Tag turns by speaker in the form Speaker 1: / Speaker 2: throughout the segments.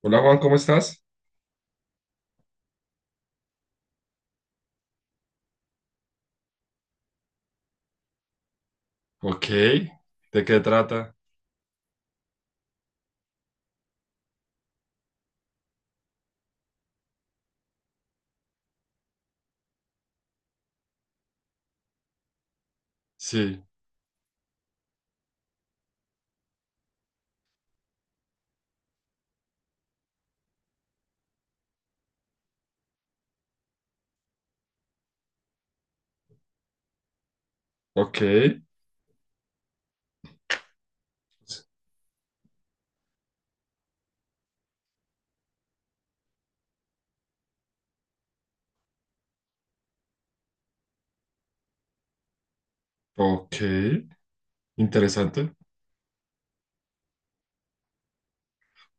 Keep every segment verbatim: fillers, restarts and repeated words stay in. Speaker 1: Hola Juan, ¿cómo estás? Ok. ¿De qué trata? Sí. Ok. Ok. Interesante.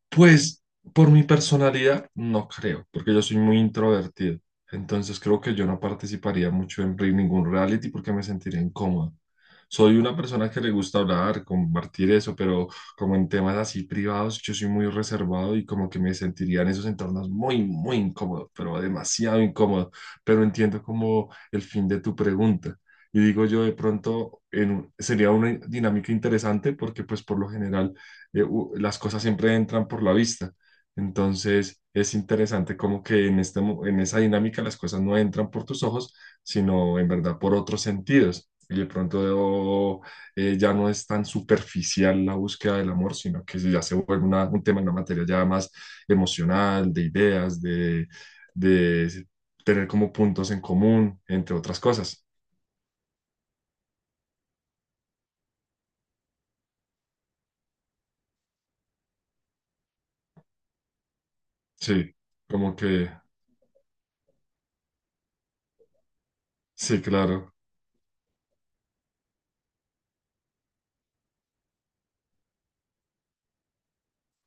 Speaker 1: Pues por mi personalidad, no creo, porque yo soy muy introvertido. Entonces creo que yo no participaría mucho en re- ningún reality porque me sentiría incómodo. Soy una persona que le gusta hablar, compartir eso, pero como en temas así privados, yo soy muy reservado y como que me sentiría en esos entornos muy, muy incómodo, pero demasiado incómodo. Pero entiendo como el fin de tu pregunta. Y digo yo, de pronto en- sería una dinámica interesante porque pues por lo general eh, u- las cosas siempre entran por la vista. Entonces es interesante como que en este, mo- en esa dinámica las cosas no entran por tus ojos, sino en verdad por otros sentidos. Y de pronto oh, eh, ya no es tan superficial la búsqueda del amor, sino que ya se vuelve una- un tema, una materia ya más emocional, de ideas, de, de tener como puntos en común, entre otras cosas. Sí, como que, sí, claro,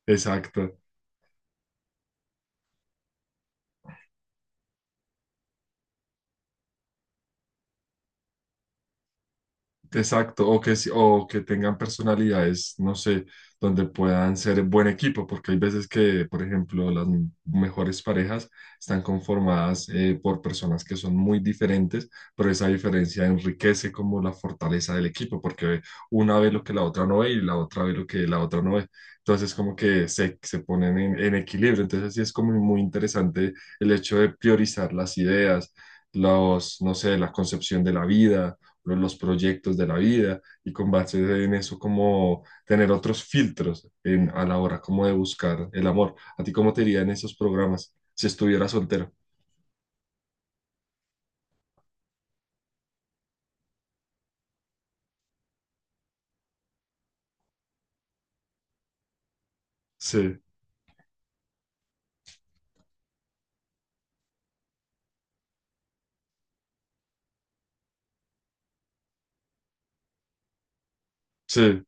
Speaker 1: exacto. Exacto, o que, si- o que tengan personalidades, no sé, donde puedan ser buen equipo, porque hay veces que, por ejemplo, las m- mejores parejas están conformadas eh, por personas que son muy diferentes, pero esa diferencia enriquece como la fortaleza del equipo, porque una ve lo que la otra no ve y la otra ve lo que la otra no ve. Entonces, como que se, se ponen en, en equilibrio. Entonces, sí es como muy interesante el hecho de priorizar las ideas, los, no sé, la concepción de la vida lo- los proyectos de la vida y con base en eso como tener otros filtros en, a la hora como de buscar el amor. ¿A ti cómo te iría en esos programas si estuviera soltero? Sí, sí,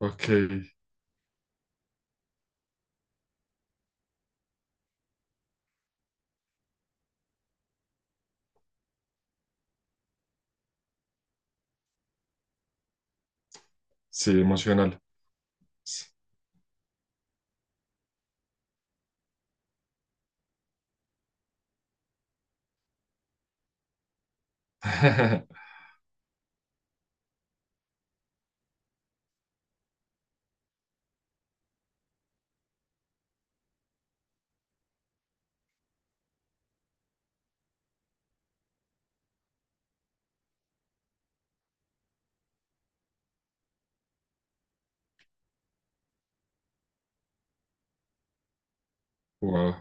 Speaker 1: ok, sí, emocional. Wow.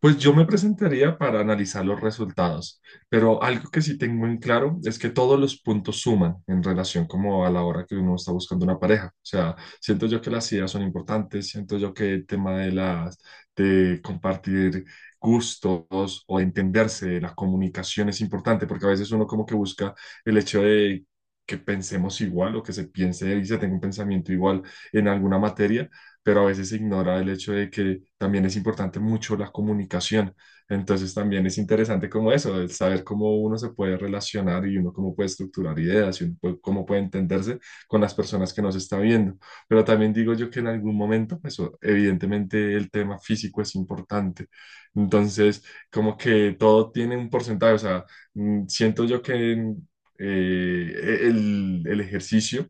Speaker 1: Pues yo me presentaría para analizar los resultados, pero algo que sí tengo en claro es que todos los puntos suman en relación como a la hora que uno está buscando una pareja. O sea, siento yo que las ideas son importantes, siento yo que el tema de las de compartir gustos o entenderse, la comunicación es importante porque a veces uno como que busca el hecho de que pensemos igual o que se piense y se tenga un pensamiento igual en alguna materia pero a veces se ignora el hecho de que también es importante mucho la comunicación. Entonces también es interesante como eso, el saber cómo uno se puede relacionar y uno cómo puede estructurar ideas y uno puede- cómo puede entenderse con las personas que nos está viendo. Pero también digo yo que en algún momento, pues o- evidentemente el tema físico es importante. Entonces, como que todo tiene un porcentaje, o sea, mm, siento yo que... en- eh, e, el, el ejercicio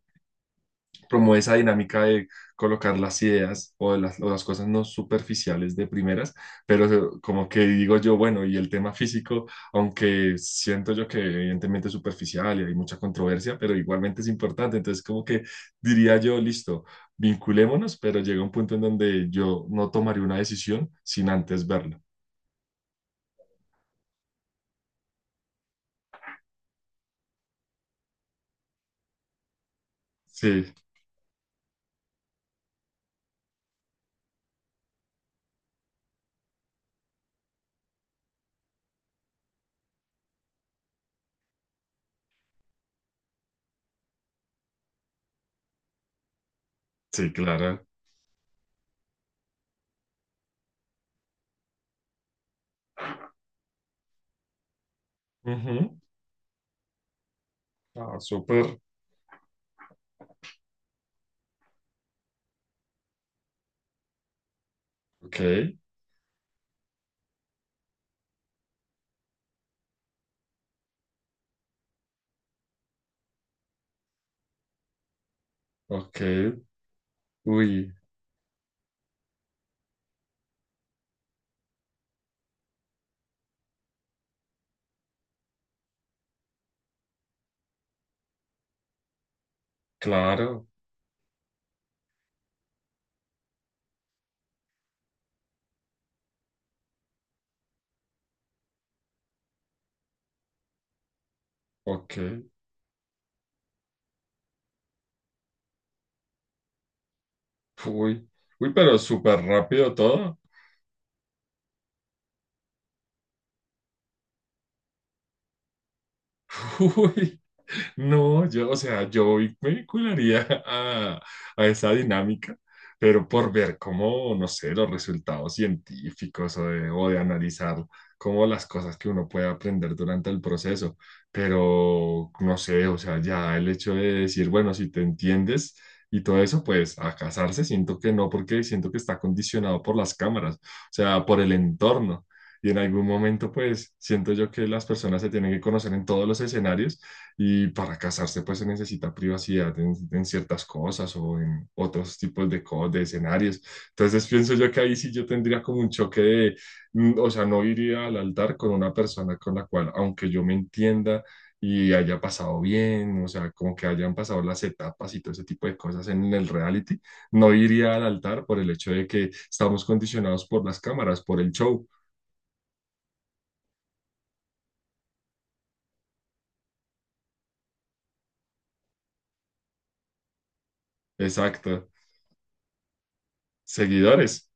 Speaker 1: promueve esa dinámica de colocar las ideas o de las, o las cosas no superficiales de primeras, pero se- como que digo yo, bueno, y el tema físico, aunque siento yo que evidentemente es superficial y hay mucha controversia, pero igualmente es importante, entonces como que diría yo, listo, vinculémonos, pero llega un punto en donde yo no tomaré una decisión sin antes verla. Sí, sí, claro. Ujú. Ah, súper. Ok, ok. Uy, claro. Ok. Uy, uy, pero súper rápido todo. Uy. No, yo, o sea, yo hoy me vincularía a, a esa dinámica, pero por ver cómo, no sé, los resultados científicos o de, o de analizar como las cosas que uno puede aprender durante el proceso. Pero, no sé, o sea, ya el hecho de decir, bueno, si te entiendes y todo eso, pues a casarse siento que no, porque siento que está condicionado por las cámaras, o sea, por el entorno. Y en algún momento, pues, siento yo que las personas se tienen que conocer en todos los escenarios y para casarse, pues se necesita privacidad en, en ciertas cosas o en otros tipos de, co- de escenarios. Entonces pienso yo que ahí sí yo tendría como un choque de, mm, o sea, no iría al altar con una persona con la cual, aunque yo me entienda y haya pasado bien, o sea, como que hayan pasado las etapas y todo ese tipo de cosas en el reality, no iría al altar por el hecho de que estamos condicionados por las cámaras, por el show. Exacto. Seguidores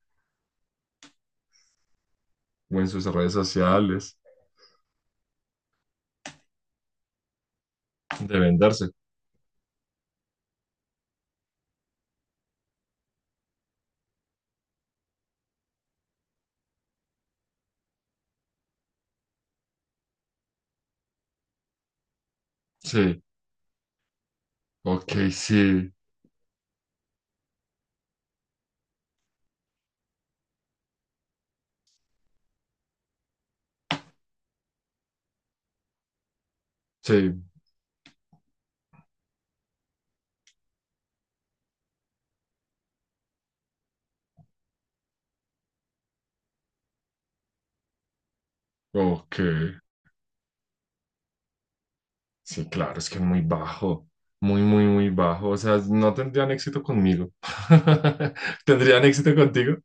Speaker 1: o en sus redes sociales deben darse. Sí. Ok, sí, sí, ok, sí, claro, es que es muy bajo, muy, muy, muy bajo, o sea, no tendrían éxito conmigo. ¿Tendrían éxito contigo?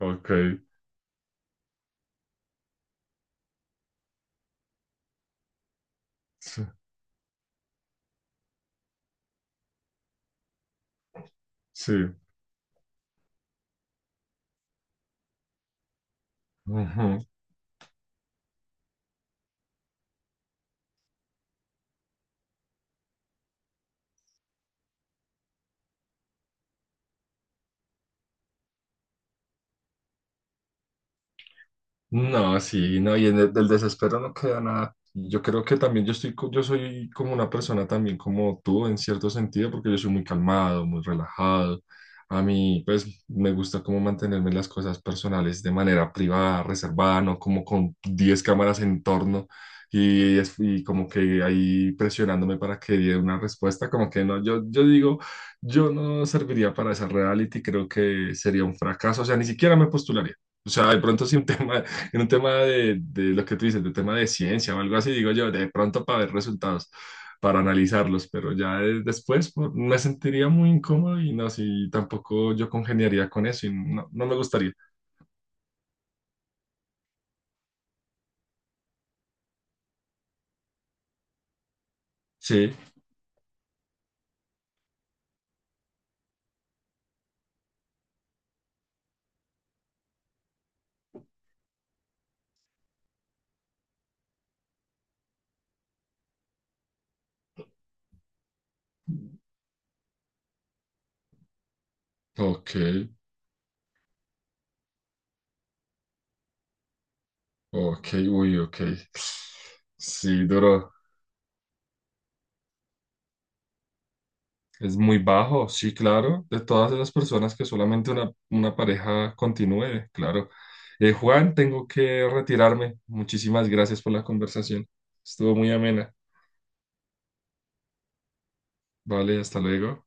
Speaker 1: Ok, sí, sí. ujú. No, sí, no, y en el, del desespero no queda nada. Yo creo que también yo estoy, co- yo soy como una persona también como tú en cierto sentido, porque yo soy muy calmado, muy relajado. A mí, pues, me gusta como mantenerme las cosas personales de manera privada, reservada, no como con diez cámaras en torno y, es- y como que ahí presionándome para que dé una respuesta, como que no, yo, yo digo, yo no serviría para esa reality, creo que sería un fracaso, o sea, ni siquiera me postularía. O sea, de pronto si un tema, en un tema de, de lo que tú dices, de tema de ciencia o algo así, digo yo, de pronto para ver resultados, para analizarlos, pero ya eh, después pues, me sentiría muy incómodo y no, si tampoco yo congeniaría con eso y no, no me gustaría. Sí, ok, ok, uy, ok. Sí, duro. Es muy bajo, sí, claro. De todas esas personas que solamente una, una pareja continúe, claro. Eh, Juan, tengo que retirarme. Muchísimas gracias por la conversación. Estuvo muy amena. Vale, hasta luego.